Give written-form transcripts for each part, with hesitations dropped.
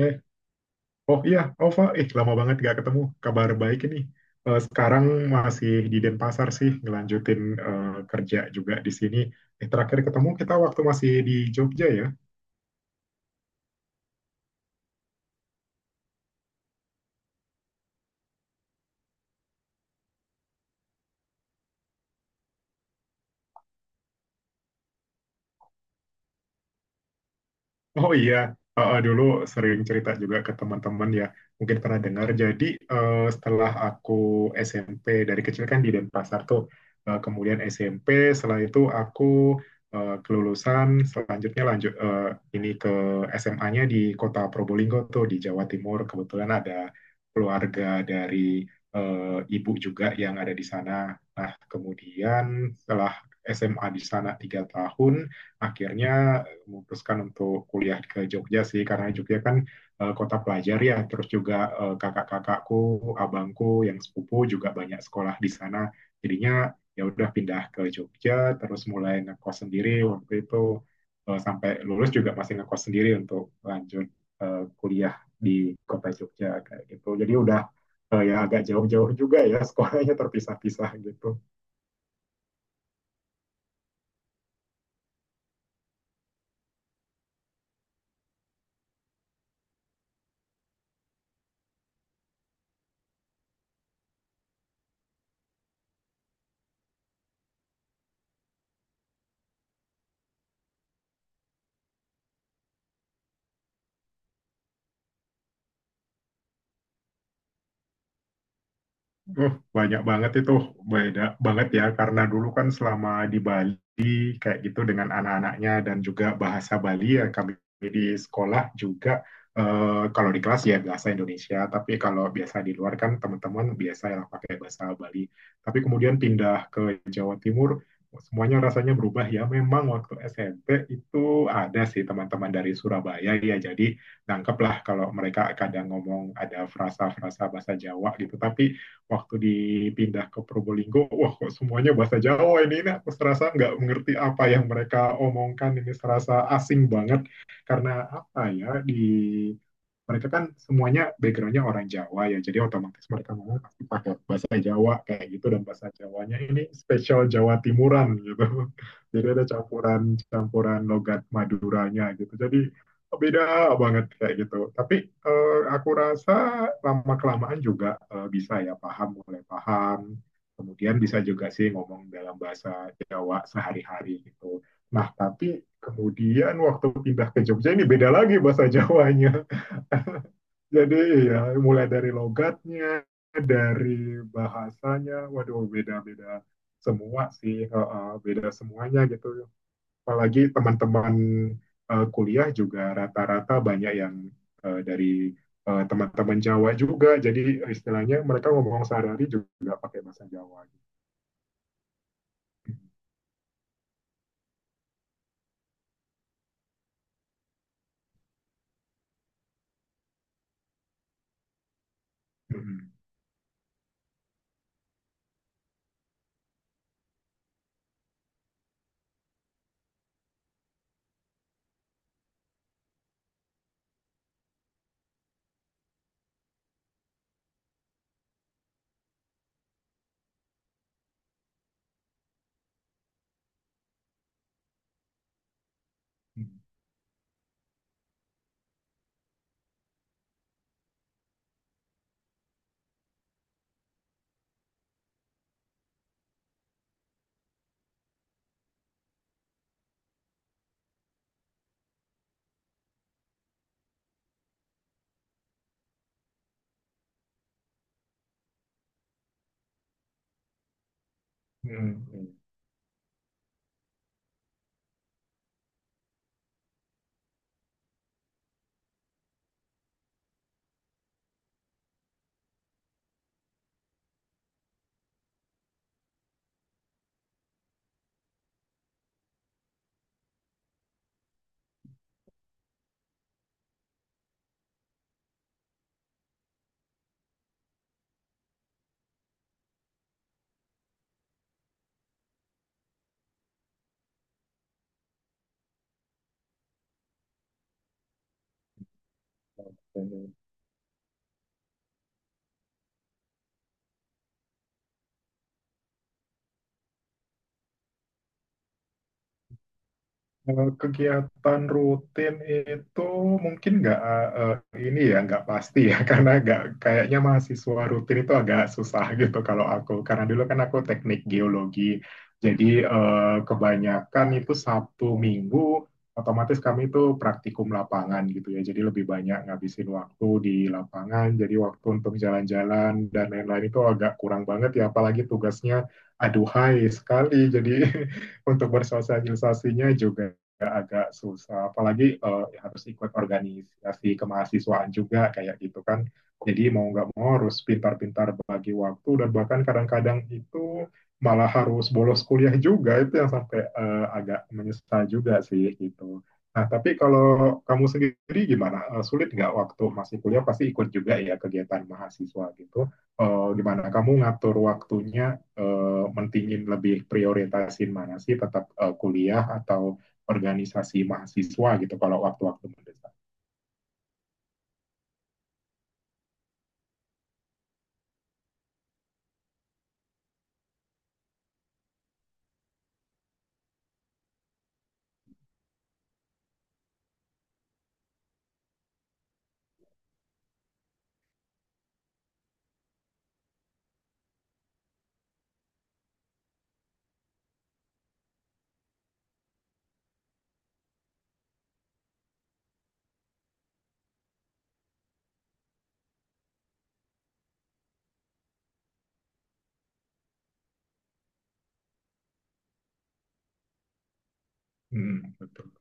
Eh, oh iya, Ova, lama banget gak ketemu. Kabar baik ini. Sekarang masih di Denpasar sih, ngelanjutin eh, kerja juga di sini. Terakhir ketemu kita waktu masih di Jogja ya. Oh iya. Dulu sering cerita juga ke teman-teman ya, mungkin pernah dengar. Jadi setelah aku SMP dari kecil kan di Denpasar tuh. Kemudian SMP, setelah itu aku kelulusan, selanjutnya lanjut ini ke SMA-nya di Kota Probolinggo tuh di Jawa Timur. Kebetulan ada keluarga dari ibu juga yang ada di sana. Nah, kemudian setelah SMA di sana 3 tahun, akhirnya memutuskan untuk kuliah ke Jogja sih karena Jogja kan kota pelajar ya, terus juga kakak-kakakku abangku yang sepupu juga banyak sekolah di sana, jadinya ya udah pindah ke Jogja terus mulai ngekos sendiri waktu itu, sampai lulus juga masih ngekos sendiri untuk lanjut kuliah di kota Jogja kayak gitu, jadi udah ya agak jauh-jauh juga ya sekolahnya terpisah-pisah gitu. Banyak banget itu, beda banget ya karena dulu kan selama di Bali Bali kayak gitu dengan anak-anaknya dan juga bahasa Bali ya, kami di sekolah juga kalau di kelas ya bahasa Indonesia, tapi kalau biasa di luar kan teman-teman biasa yang pakai bahasa Bali. Tapi kemudian pindah ke Jawa Timur, semuanya rasanya berubah ya. Memang waktu SMP itu ada sih teman-teman dari Surabaya ya. Jadi nangkep lah kalau mereka kadang ngomong ada frasa-frasa bahasa Jawa gitu. Tapi waktu dipindah ke Probolinggo, wah kok semuanya bahasa Jawa ini, aku serasa nggak mengerti apa yang mereka omongkan, ini serasa asing banget, karena apa ya, di mereka kan semuanya backgroundnya orang Jawa ya, jadi otomatis mereka ngomong pasti pakai bahasa Jawa kayak gitu dan bahasa Jawanya ini spesial Jawa Timuran gitu, jadi ada campuran campuran logat Maduranya gitu, jadi beda banget kayak gitu. Tapi aku rasa lama kelamaan juga bisa ya paham, mulai paham. Kemudian bisa juga sih ngomong dalam bahasa Jawa sehari-hari gitu. Nah, tapi kemudian waktu pindah ke Jogja ini beda lagi bahasa Jawanya. Jadi ya mulai dari logatnya, dari bahasanya, waduh beda-beda semua sih, beda semuanya gitu, apalagi teman-teman kuliah juga rata-rata banyak yang dari teman-teman Jawa juga. Jadi istilahnya mereka ngomong sehari-hari juga pakai bahasa Jawa. Gitu. Mm-mm. mm Kalau kegiatan rutin itu mungkin nggak ini ya nggak pasti ya karena nggak kayaknya mahasiswa rutin itu agak susah gitu kalau aku, karena dulu kan aku teknik geologi, jadi kebanyakan itu Sabtu Minggu otomatis kami itu praktikum lapangan gitu ya, jadi lebih banyak ngabisin waktu di lapangan, jadi waktu untuk jalan-jalan dan lain-lain itu agak kurang banget ya, apalagi tugasnya aduhai sekali, jadi untuk bersosialisasinya juga agak susah. Apalagi ya harus ikut organisasi kemahasiswaan juga kayak gitu kan. Jadi mau nggak mau harus pintar-pintar bagi waktu, dan bahkan kadang-kadang itu malah harus bolos kuliah juga, itu yang sampai agak menyesal juga sih gitu. Nah, tapi kalau kamu sendiri gimana? Sulit nggak waktu masih kuliah pasti ikut juga ya kegiatan mahasiswa gitu. Gimana kamu ngatur waktunya? Mentingin lebih prioritasin mana sih, tetap kuliah atau organisasi mahasiswa gitu kalau waktu-waktu mendesak. Hmm, betul.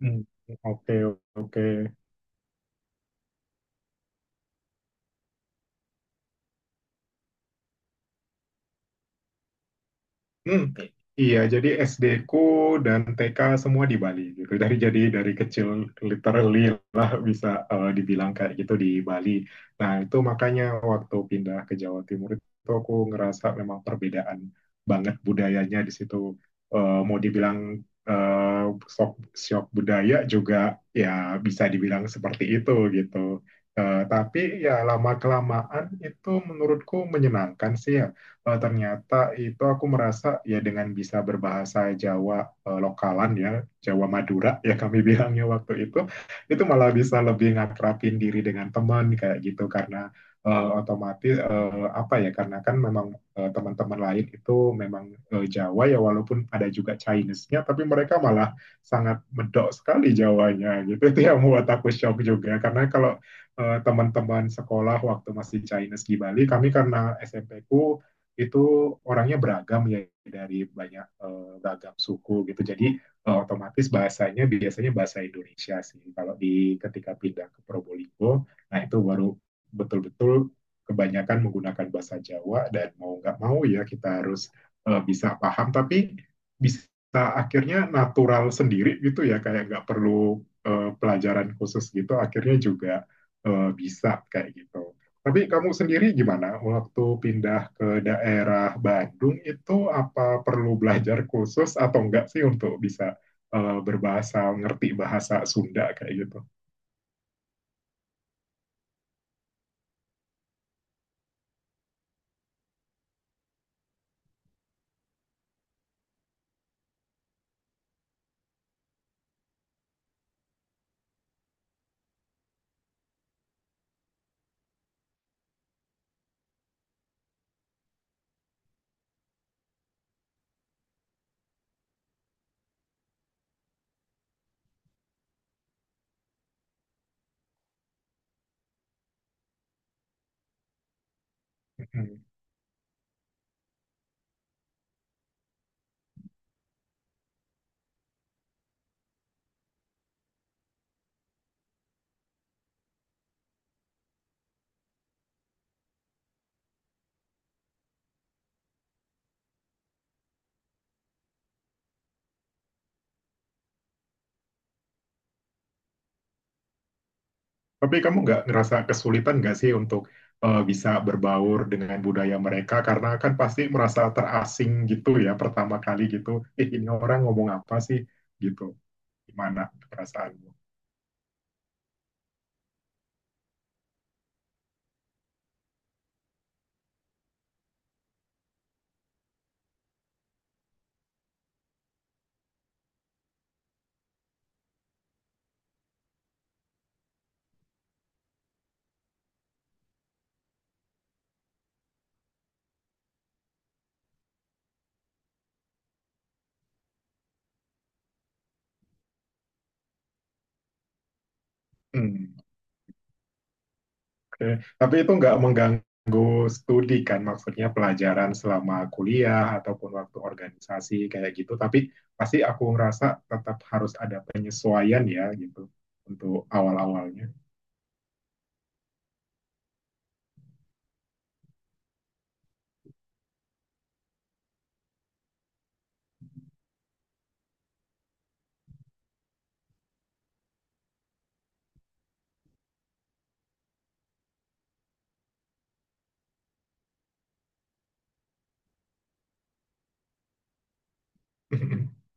Hmm. Oke, oke. Hmm, iya, jadi SD ku dan TK semua di Bali gitu. Jadi dari kecil literally lah bisa dibilang kayak gitu di Bali. Nah, itu makanya waktu pindah ke Jawa Timur itu aku ngerasa memang perbedaan banget budayanya di situ. Mau dibilang eh shock, shock budaya juga ya, bisa dibilang seperti itu gitu. Tapi ya lama kelamaan itu menurutku menyenangkan sih ya, ternyata itu aku merasa ya dengan bisa berbahasa Jawa lokalan ya, Jawa Madura ya kami bilangnya waktu itu malah bisa lebih ngakrapin diri dengan teman kayak gitu, karena otomatis apa ya karena kan memang teman-teman lain itu memang Jawa ya, walaupun ada juga Chinese-nya tapi mereka malah sangat medok sekali Jawanya gitu itu yang membuat aku shock juga, karena kalau teman-teman sekolah waktu masih Chinese di Bali, kami karena SMP ku itu orangnya beragam ya, dari banyak beragam suku gitu. Jadi otomatis bahasanya biasanya bahasa Indonesia sih. Kalau di ketika pindah ke Probolinggo, nah itu baru betul-betul kebanyakan menggunakan bahasa Jawa, dan mau nggak mau ya kita harus bisa paham, tapi bisa akhirnya natural sendiri gitu ya, kayak nggak perlu pelajaran khusus gitu akhirnya juga bisa kayak gitu. Tapi kamu sendiri gimana waktu pindah ke daerah Bandung itu, apa perlu belajar khusus atau enggak sih untuk bisa berbahasa, ngerti bahasa Sunda kayak gitu? Mm. Tapi kamu nggak ngerasa kesulitan nggak sih untuk bisa berbaur dengan budaya mereka, karena kan pasti merasa terasing gitu ya pertama kali gitu. Ini orang ngomong apa sih gitu? Gimana perasaanmu? Hmm. Oke, tapi itu nggak mengganggu studi kan, maksudnya pelajaran selama kuliah ataupun waktu organisasi kayak gitu. Tapi pasti aku ngerasa tetap harus ada penyesuaian ya gitu untuk awal-awalnya.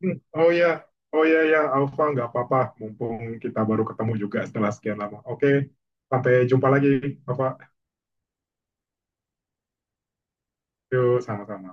Oh ya, oh ya ya, Alfa nggak apa-apa. Mumpung kita baru ketemu juga setelah sekian lama. Oke, sampai jumpa lagi, Alfa. Yuk, sama-sama.